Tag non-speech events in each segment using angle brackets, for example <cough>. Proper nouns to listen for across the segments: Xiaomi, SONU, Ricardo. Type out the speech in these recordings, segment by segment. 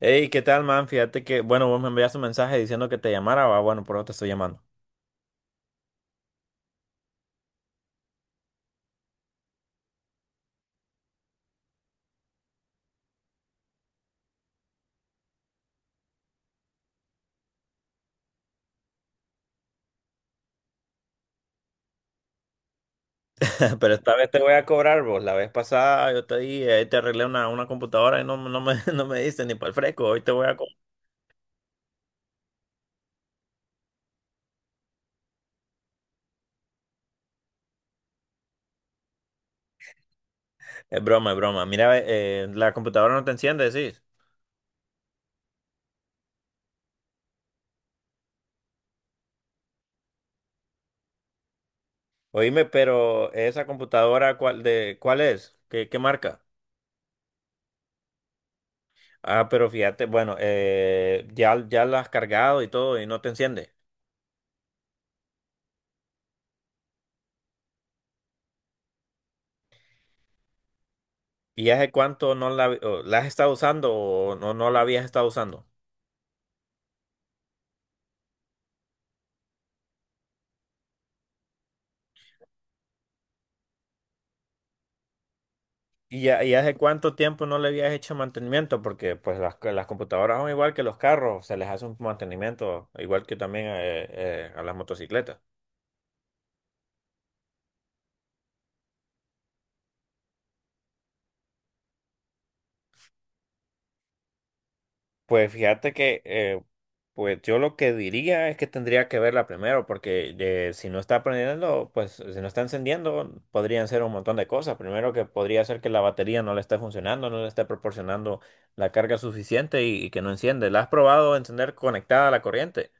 Hey, ¿qué tal, man? Fíjate que, bueno, vos me enviaste un mensaje diciendo que te llamara, va, bueno, por eso te estoy llamando. <laughs> Pero esta vez te voy a cobrar, vos. La vez pasada yo te di, te arreglé una computadora y <laughs> no me diste ni para el fresco. Hoy te voy a cobrar. Es broma, es broma. Mira, la computadora no te enciende, decís. Oíme, pero esa computadora, ¿ cuál es? ¿Qué marca? Ah, pero fíjate, bueno, eh, ya la has cargado y todo y no te enciende. ¿Y hace cuánto no la, o la has estado usando o no la habías estado usando? ¿Y hace cuánto tiempo no le habías hecho mantenimiento? Porque pues las computadoras son igual que los carros, se les hace un mantenimiento, igual que también a las motocicletas. Pues fíjate que pues yo lo que diría es que tendría que verla primero, porque si no está prendiendo, pues si no está encendiendo, podrían ser un montón de cosas. Primero que podría ser que la batería no le esté funcionando, no le esté proporcionando la carga suficiente y que no enciende. ¿La has probado encender conectada a la corriente?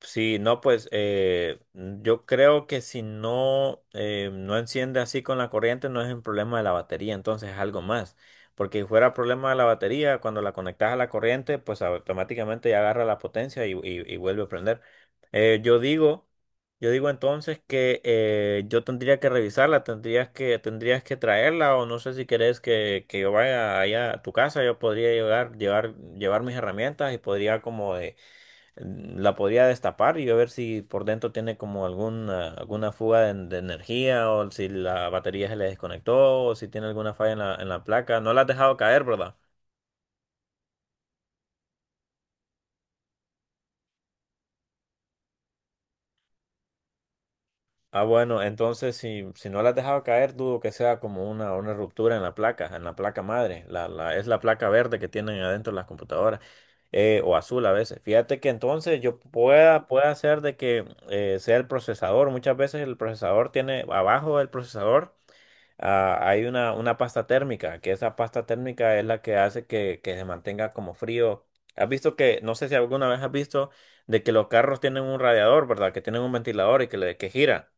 Sí, no, pues yo creo que si no, no enciende así con la corriente, no es un problema de la batería, entonces es algo más. Porque si fuera problema de la batería, cuando la conectas a la corriente, pues automáticamente ya agarra la potencia y vuelve a prender. Eh, yo digo, yo digo entonces que yo tendría que revisarla, tendrías que traerla, o no sé si querés que yo vaya allá a tu casa, yo podría llegar, llevar mis herramientas y podría como de la podría destapar y a ver si por dentro tiene como alguna fuga de energía o si la batería se le desconectó o si tiene alguna falla en la placa. No la has dejado caer, ¿verdad? Ah, bueno, entonces si, si no la has dejado caer, dudo que sea como una ruptura en la placa madre. Es la placa verde que tienen adentro las computadoras o azul a veces. Fíjate que entonces yo pueda hacer de que sea el procesador. Muchas veces el procesador tiene abajo del procesador. Ah, hay una pasta térmica, que esa pasta térmica es la que hace que se mantenga como frío. Has visto que, no sé si alguna vez has visto, de que los carros tienen un radiador, ¿verdad? Que tienen un ventilador que gira.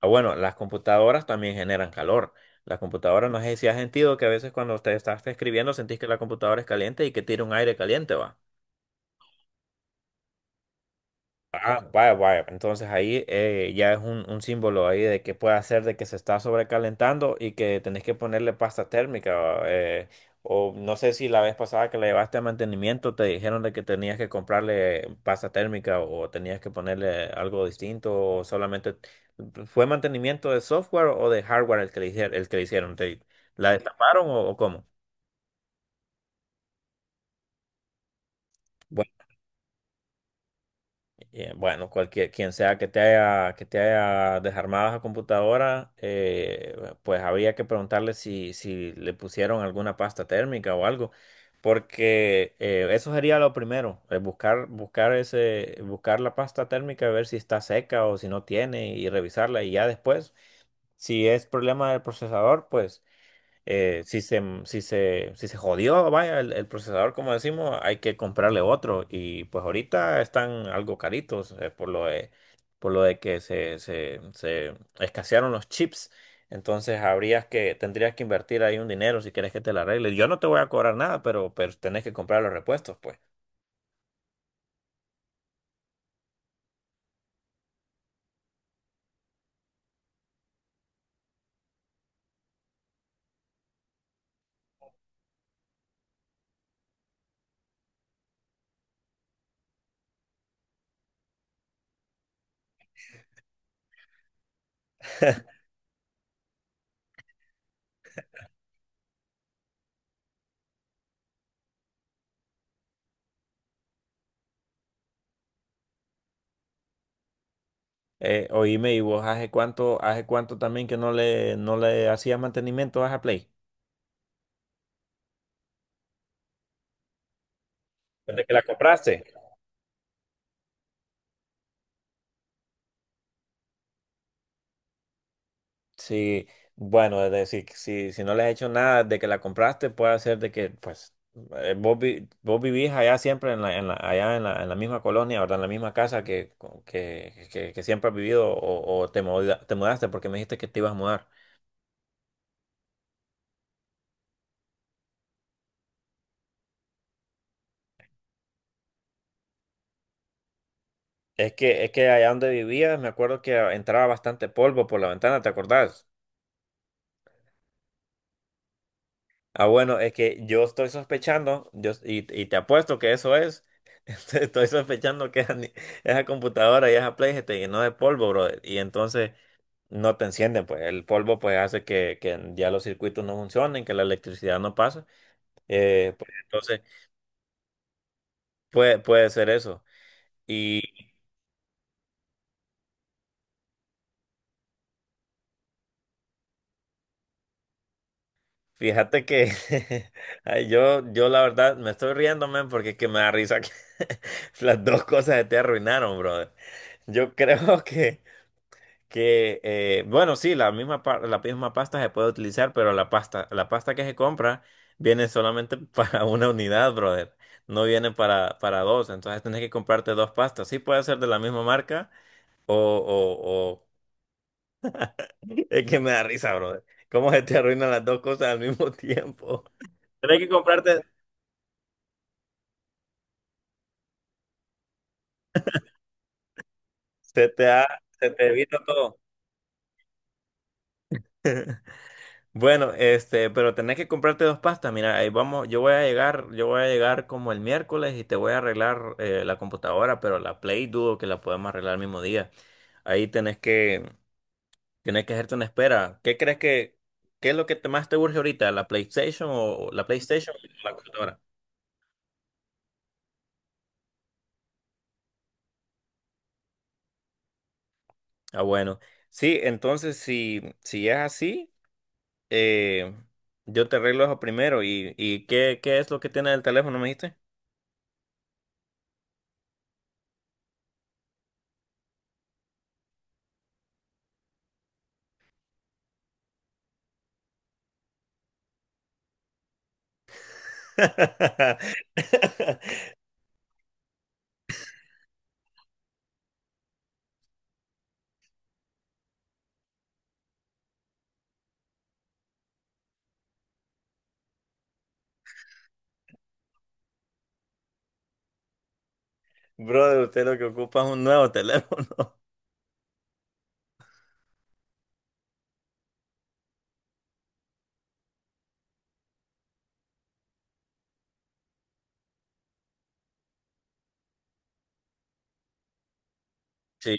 Ah, bueno, las computadoras también generan calor. Las computadoras, no sé si has sentido que a veces cuando te estás escribiendo sentís que la computadora es caliente y que tira un aire caliente, ¿va? Ah, vaya, vaya. Entonces ahí ya es un símbolo ahí de que puede hacer de que se está sobrecalentando y que tenés que ponerle pasta térmica. O no sé si la vez pasada que la llevaste a mantenimiento te dijeron de que tenías que comprarle pasta térmica o tenías que ponerle algo distinto o solamente fue mantenimiento de software o de hardware el que le hicieron. ¿ la destaparon o cómo? Bueno, cualquier, quien sea que que te haya desarmado esa computadora, pues había que preguntarle si, si le pusieron alguna pasta térmica o algo, porque eso sería lo primero, eh, buscar ese, buscar la pasta térmica, ver si está seca o si no tiene y revisarla y ya después, si es problema del procesador, pues si se jodió, vaya, el procesador, como decimos, hay que comprarle otro. Y pues ahorita están algo caritos, por lo de se escasearon los chips. Entonces tendrías que invertir ahí un dinero si quieres que te la arregle. Yo no te voy a cobrar nada, pero tenés que comprar los repuestos, pues. <laughs> Oíme, ¿y vos hace cuánto también que no le hacías mantenimiento a esa Play? ¿Desde que la compraste? Sí, bueno, es decir, que si, si no le has hecho nada de que la compraste, puede ser de que, pues, vos vivís allá siempre en allá en en la misma colonia, ¿verdad? En la misma casa que siempre has vivido o te mudaste porque me dijiste que te ibas a mudar. Es que allá donde vivías, me acuerdo que entraba bastante polvo por la ventana, ¿te acordás? Ah, bueno, es que yo estoy sospechando, y te apuesto que eso es. <laughs> Estoy sospechando que esa ni- esa computadora y esa Play se te llenó de polvo, brother. Y entonces no te encienden, pues el polvo pues hace que ya los circuitos no funcionen, que la electricidad no pasa. Entonces puede ser eso. Y fíjate que <laughs> ay, yo la verdad me estoy riendo, man, porque es que me da risa que <laughs> las dos cosas se te arruinaron, brother. Yo creo <laughs> que... bueno, sí, la misma pasta se puede utilizar, pero la pasta que se compra viene solamente <laughs> para una unidad, brother. No viene para dos, entonces tenés que comprarte dos pastas. Sí puede ser de la misma marca o... Es que me da risa, brother. ¿Cómo se te arruinan las dos cosas al mismo <laughs> tiempo? Tenés que comprarte, se te ha, Se te evita todo. <laughs> Bueno, este, pero tenés que comprarte dos pastas. Mira, ahí vamos, yo voy a llegar como el miércoles y te voy a arreglar la computadora, pero la Play dudo que la podemos arreglar el mismo día. Ahí tenés que, Tenés que hacerte una espera. ¿Qué es lo que más te urge ahorita? ¿La PlayStation o la PlayStation o la computadora? Ah, bueno. Sí, entonces si, si es así, eh, yo te arreglo eso primero. ¿Y qué es lo que tiene el teléfono, me dijiste? <laughs> Brother, usted lo que ocupa es un nuevo teléfono. <laughs> Sí.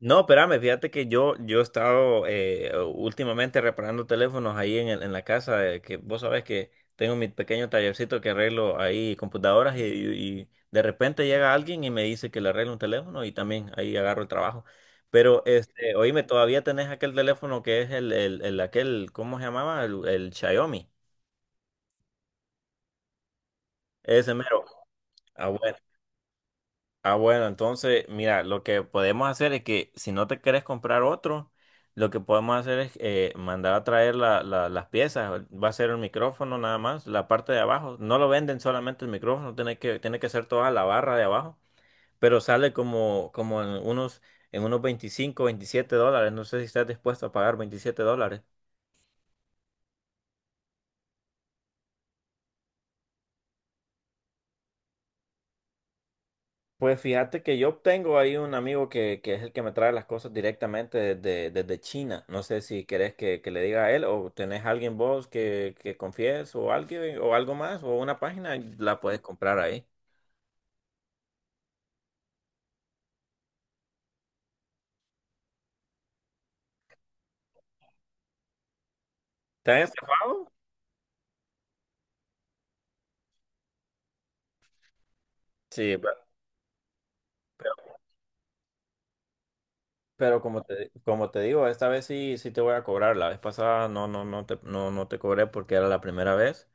No, espérame, fíjate que yo he estado últimamente reparando teléfonos ahí en, en la casa, que vos sabés que tengo mi pequeño tallercito que arreglo ahí computadoras y de repente llega alguien y me dice que le arreglo un teléfono y también ahí agarro el trabajo. Pero, este, oíme, todavía tenés aquel teléfono que es el aquel, ¿cómo se llamaba? El Xiaomi. Ese mero. Ah, bueno. Ah, bueno, entonces, mira, lo que podemos hacer es que si no te quieres comprar otro, lo que podemos hacer es mandar a traer las piezas. Va a ser el micrófono nada más, la parte de abajo. No lo venden solamente el micrófono, tiene que ser toda la barra de abajo, pero sale como en unos $25, $27. No sé si estás dispuesto a pagar $27. Pues fíjate que yo tengo ahí un amigo que es el que me trae las cosas directamente desde, desde China. No sé si querés que le diga a él o tenés alguien vos que confíes o alguien o algo más o una página y la puedes comprar ahí. ¿Estás encerrado? Sí, pe- pero como te digo, esta vez sí, sí te voy a cobrar. La vez pasada no te cobré porque era la primera vez.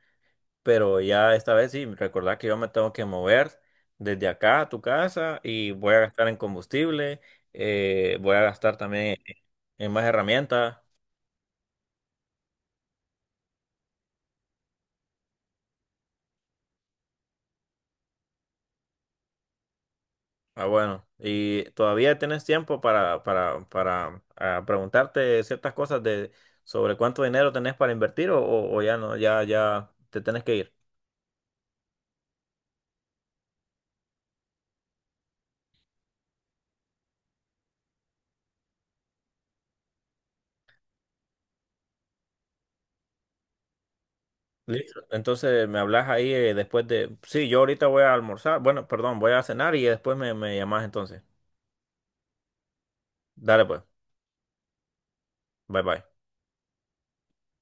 Pero ya esta vez sí, recordá que yo me tengo que mover desde acá a tu casa y voy a gastar en combustible, voy a gastar también en más herramientas. Ah, bueno, y todavía tienes tiempo para preguntarte ciertas cosas de sobre cuánto dinero tenés para invertir o, o ya no, ya te tenés que ir. Listo. Entonces me hablas ahí después de... Sí, yo ahorita voy a almorzar, bueno, perdón, voy a cenar y después me llamás entonces. Dale pues, bye bye.